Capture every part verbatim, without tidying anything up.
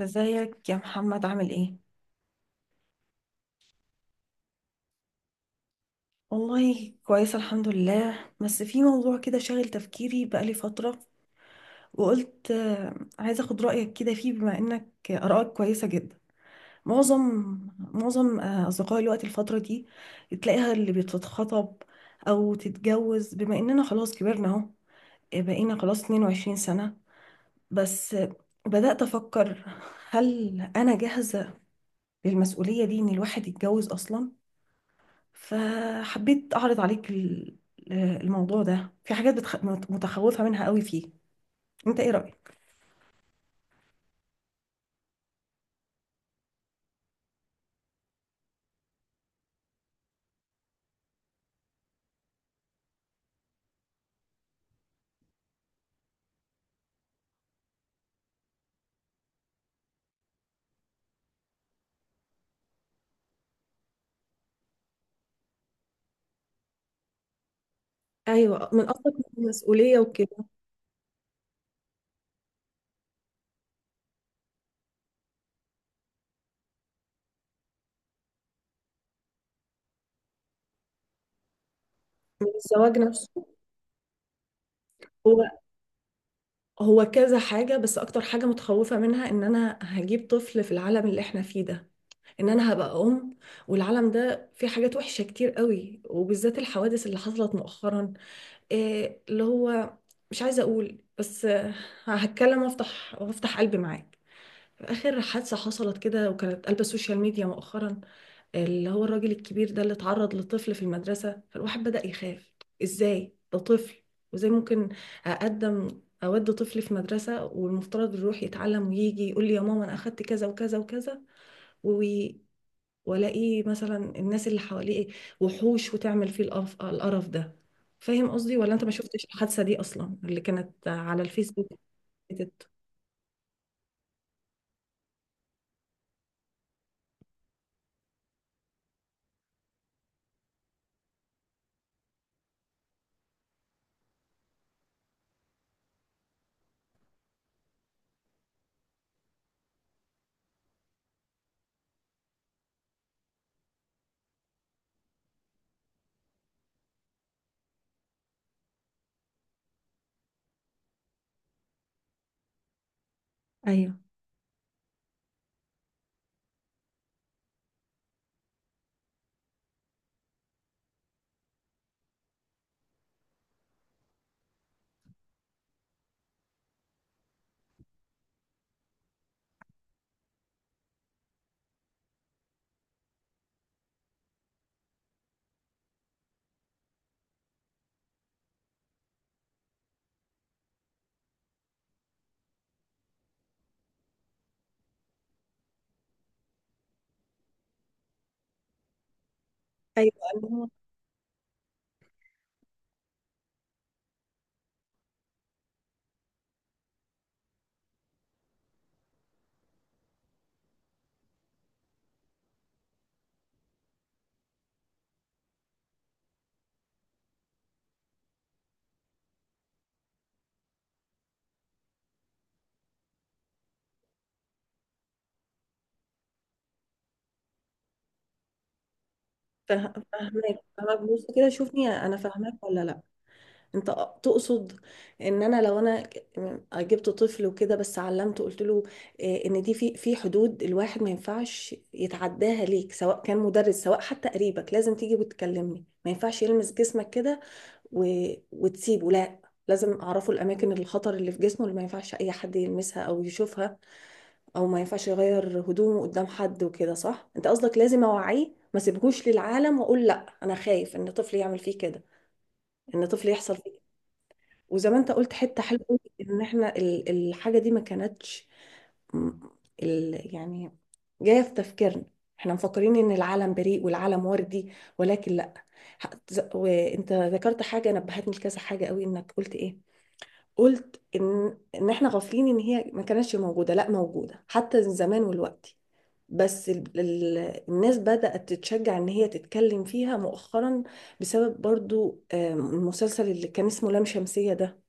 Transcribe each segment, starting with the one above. ازيك يا محمد، عامل ايه؟ والله كويسة الحمد لله، بس في موضوع كده شاغل تفكيري بقالي فترة، وقلت آه، عايزة اخد رأيك كده فيه بما انك آرائك كويسة جدا. معظم معظم آه، أصدقائي الوقت الفترة دي تلاقيها اللي بتتخطب أو تتجوز، بما اننا خلاص كبرنا اهو. آه، بقينا خلاص 22 سنة، بس آه، بدأت أفكر، هل أنا جاهزة للمسؤولية دي، إن الواحد يتجوز أصلا؟ فحبيت اعرض عليك ال- الموضوع ده. في حاجات بتخ... مت- متخوفة منها قوي فيه، انت ايه رأيك؟ ايوه، من قصدك من المسؤوليه وكده. من الزواج نفسه. هو هو كذا حاجه، بس اكتر حاجه متخوفه منها ان انا هجيب طفل في العالم اللي احنا فيه ده، ان انا هبقى ام. والعالم ده فيه حاجات وحشه كتير قوي، وبالذات الحوادث اللي حصلت مؤخرا. إيه اللي هو، مش عايزه اقول، بس آه، هتكلم وافتح وافتح قلبي معاك. آخر حادثة حصلت كده وكانت قلب السوشيال ميديا مؤخرا، اللي هو الراجل الكبير ده اللي اتعرض لطفل في المدرسة، فالواحد بدأ يخاف. إزاي ده طفل؟ وإزاي ممكن أقدم أود طفل في مدرسة والمفترض يروح يتعلم، ويجي يقول لي يا ماما أنا أخدت كذا وكذا وكذا، وي- وألاقيه مثلا الناس اللي حواليه وحوش وتعمل فيه القرف القرف ده. فاهم قصدي، ولا أنت ما شفتش الحادثة دي أصلا اللي كانت على الفيسبوك؟ ايوه، ايوه، فاه- فاهماك فاهماك، بص كده، شوفني انا فاهماك ولا لا؟ انت تقصد ان انا لو انا جبت طفل وكده، بس علمته، قلت له إيه، ان دي في في حدود الواحد ما ينفعش يتعداها ليك، سواء كان مدرس سواء حتى قريبك، لازم تيجي وتكلمني، ما ينفعش يلمس جسمك كده و... وتسيبه؟ لا، لازم اعرفه الاماكن الخطر اللي في جسمه اللي ما ينفعش اي حد يلمسها او يشوفها، او ما ينفعش يغير هدومه قدام حد وكده، صح؟ انت قصدك لازم اوعيه، ما سيبهوش للعالم واقول لا، انا خايف ان طفلي يعمل فيه كده، ان طفلي يحصل فيه كده. وزي ما انت قلت حته حلوه أوي، ان احنا ال- الحاجه دي ما كانتش م- ال يعني جايه في تفكيرنا. احنا مفكرين ان العالم بريء والعالم وردي، ولكن لا. ح- ز- وانت ذكرت حاجه نبهتني لكذا حاجه قوي، انك قلت ايه؟ قلت ان ان احنا غافلين، ان هي ما كانتش موجوده، لا موجوده حتى زمان والوقت، بس ال- ال- الناس بدأت تتشجع ان هي تتكلم فيها مؤخرا، بسبب برضو آم، المسلسل اللي كان اسمه لام شمسية ده.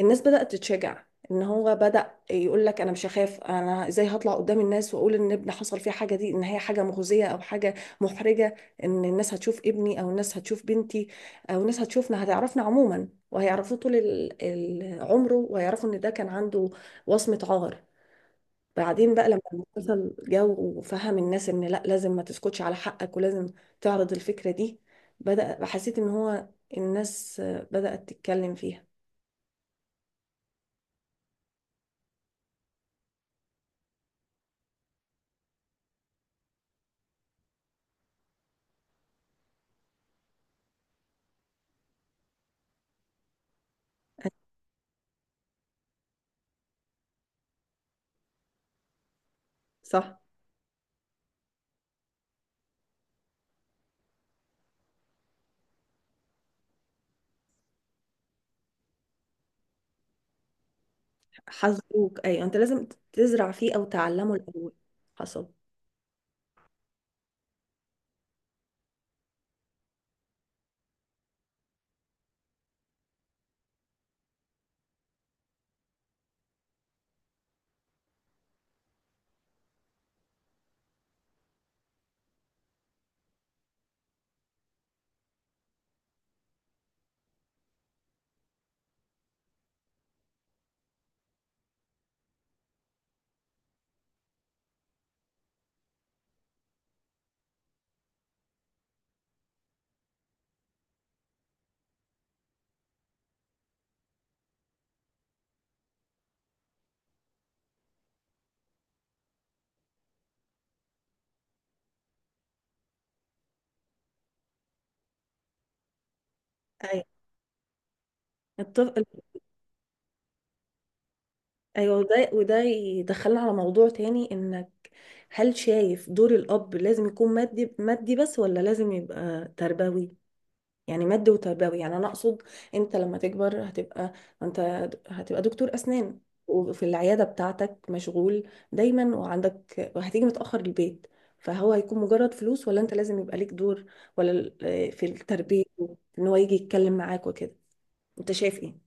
الناس بدأت تتشجع، ان هو بدأ يقول لك انا مش هخاف. انا ازاي هطلع قدام الناس واقول ان ابني حصل فيه حاجة دي، ان هي حاجة مخزية او حاجة محرجة، ان الناس هتشوف ابني او الناس هتشوف بنتي، او الناس هتشوفنا هتعرفنا عموما، وهيعرفوه طول ال- ال- عمره، وهيعرفوا ان ده كان عنده وصمة عار. بعدين بقى، لما المسلسل جو وفهم الناس ان لا، لازم ما تسكتش على حقك، ولازم تعرض الفكرة دي، بدأ حسيت ان هو الناس بدأت تتكلم فيها. صح، حذروك، ايوه انت لازم تزرع فيه او تعلمه الاول. حصل. ايوه، الطفل. ايوه، وده وده يدخلنا على موضوع تاني انك، هل شايف دور الاب لازم يكون مادي مادي بس، ولا لازم يبقى تربوي؟ يعني مادي وتربوي، يعني انا اقصد انت لما تكبر هتبقى، انت هتبقى دكتور اسنان، وفي العياده بتاعتك مشغول دايما وعندك، وهتيجي متاخر البيت، فهو هيكون مجرد فلوس، ولا انت لازم يبقى ليك دور ولا ال- آه، في التربيه، ان هو يجي يتكلم معاك وكده، انت شايف ايه؟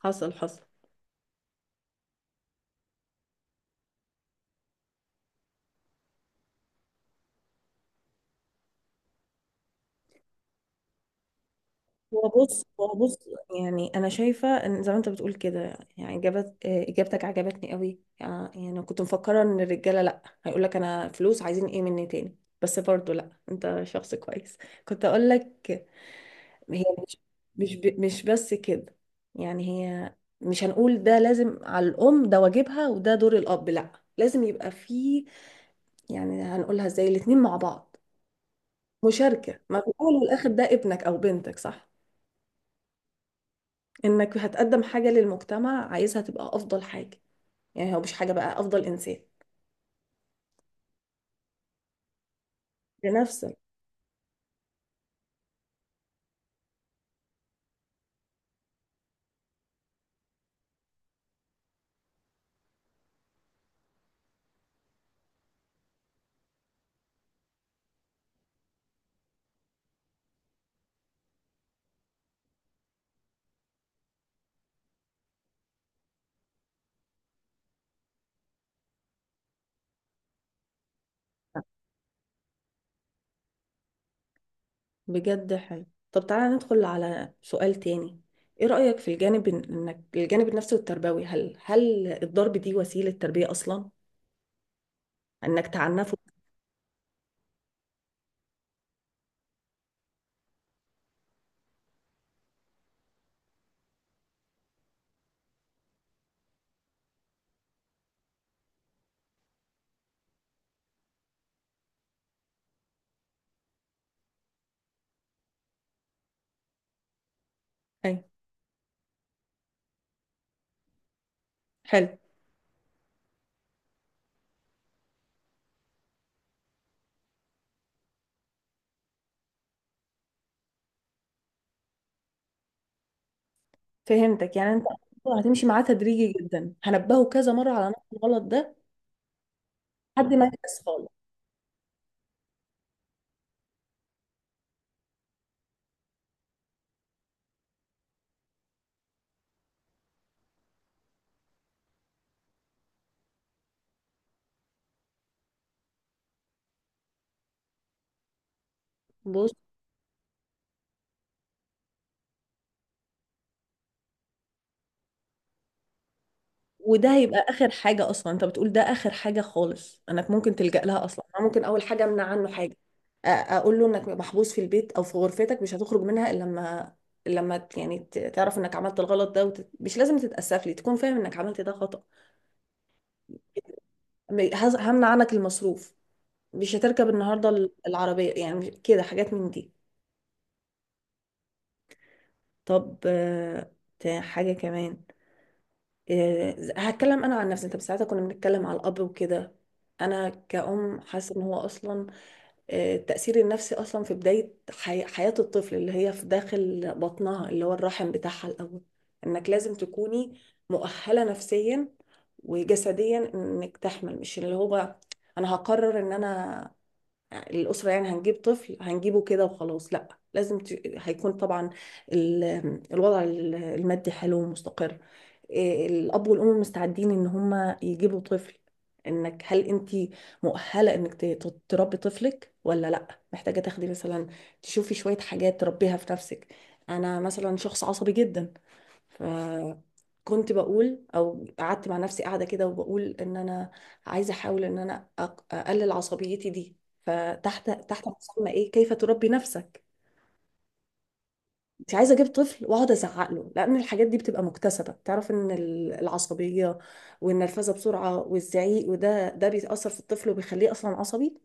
حصل حصل. هو بص هو بص، يعني انا شايفه ان زي ما انت بتقول كده، يعني اجابت آه، اجابتك عجبتني قوي، يعني يعني كنت مفكره ان الرجاله لا، هيقول لك انا فلوس، عايزين ايه مني تاني. بس برضو لا، انت شخص كويس كنت اقول لك. هي مش، مش ب- مش بس كده، يعني هي، مش هنقول ده لازم على الام، ده واجبها، وده دور الاب، لا لازم يبقى فيه. يعني هنقولها ازاي؟ الاتنين مع بعض، مشاركه، ما في الاول والاخر ده ابنك او بنتك، صح؟ انك هتقدم حاجة للمجتمع عايزها تبقى افضل حاجة، يعني هو مش حاجة، بقى افضل انسان. لنفسك. بجد حلو. طب تعالى ندخل على سؤال تاني، ايه رأيك في الجانب إن- انك الجانب النفسي والتربوي، هل هل الضرب دي وسيلة تربية اصلا، انك تعنفه؟ أي. حلو، فهمتك. يعني انت هتمشي معاه تدريجي جدا، هنبهه كذا مرة على نفس الغلط ده لحد ما يحس خالص. بص، وده هيبقى اخر حاجه اصلا. انت بتقول ده اخر حاجه خالص انك ممكن تلجأ لها، اصلا أنا ممكن اول حاجه امنع عنه حاجه، أ- اقول له انك محبوس في البيت او في غرفتك، مش هتخرج منها الا لما لما ت- يعني ت- تعرف انك عملت الغلط ده، وت... مش لازم تتأسف لي، تكون فاهم انك عملت ده خطأ. م- هز- همنع عنك المصروف، مش هتركب النهارده ال- العربيه، يعني مش- كده حاجات من دي. طب آه، تا- حاجه كمان. آه، هتكلم انا عن نفسي انت، بس ساعتها كنا بنتكلم على الاب وكده. انا كأم حاسه ان هو اصلا، آه، التأثير النفسي أصلا في بداية حي حياة الطفل اللي هي في داخل بطنها اللي هو الرحم بتاعها الأول، إنك لازم تكوني مؤهلة نفسيا وجسديا إنك تحمل. مش اللي هو أنا هقرر إن أنا، الأسرة يعني هنجيب طفل هنجيبه كده وخلاص. لا، لازم ت... هيكون طبعا ال... الوضع ال- المادي حلو ومستقر. إيه، الأب والأم مستعدين إن هما يجيبوا طفل، إنك، هل أنت مؤهلة إنك ت- ت- تربي طفلك ولا لا، محتاجة تاخدي مثلا، تشوفي شوية حاجات تربيها في نفسك. أنا مثلا شخص عصبي جدا، فكنت بقول، او قعدت مع نفسي قاعده كده، وبقول ان انا عايزه احاول ان انا أق- اقلل عصبيتي دي. فتحت تحت مسمى ايه كيف تربي نفسك. انت عايزه اجيب طفل واقعد ازعق له، لان الحاجات دي بتبقى مكتسبه. تعرف ان ال- العصبيه والنرفزه بسرعه والزعيق، وده ده بيأثر في الطفل وبيخليه اصلا عصبي.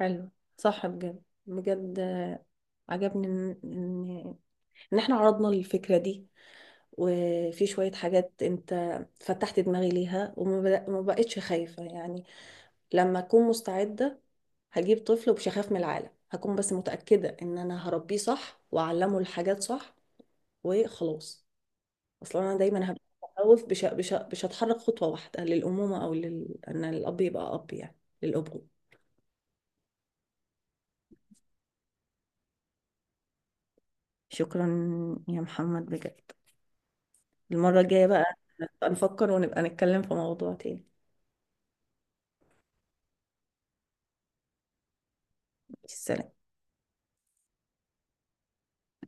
حلو. صح بجد بجد، آه، عجبني ان ان إن احنا عرضنا الفكرة دي، وفي شوية حاجات انت فتحت دماغي ليها، وما بد- ما بقتش خايفة يعني. لما اكون مستعدة هجيب طفل ومش هخاف من العالم، هكون بس متأكدة ان انا هربيه صح واعلمه الحاجات صح وخلاص. اصلا انا دايما هبقى متخوف، مش مش مش هتحرك خطوة واحدة للأمومة او لل... ان الاب يبقى اب، يعني للأبوة. شكرا يا محمد بجد. المرة الجاية بقى نبقى نفكر، ونبقى نتكلم في موضوع تاني. السلام.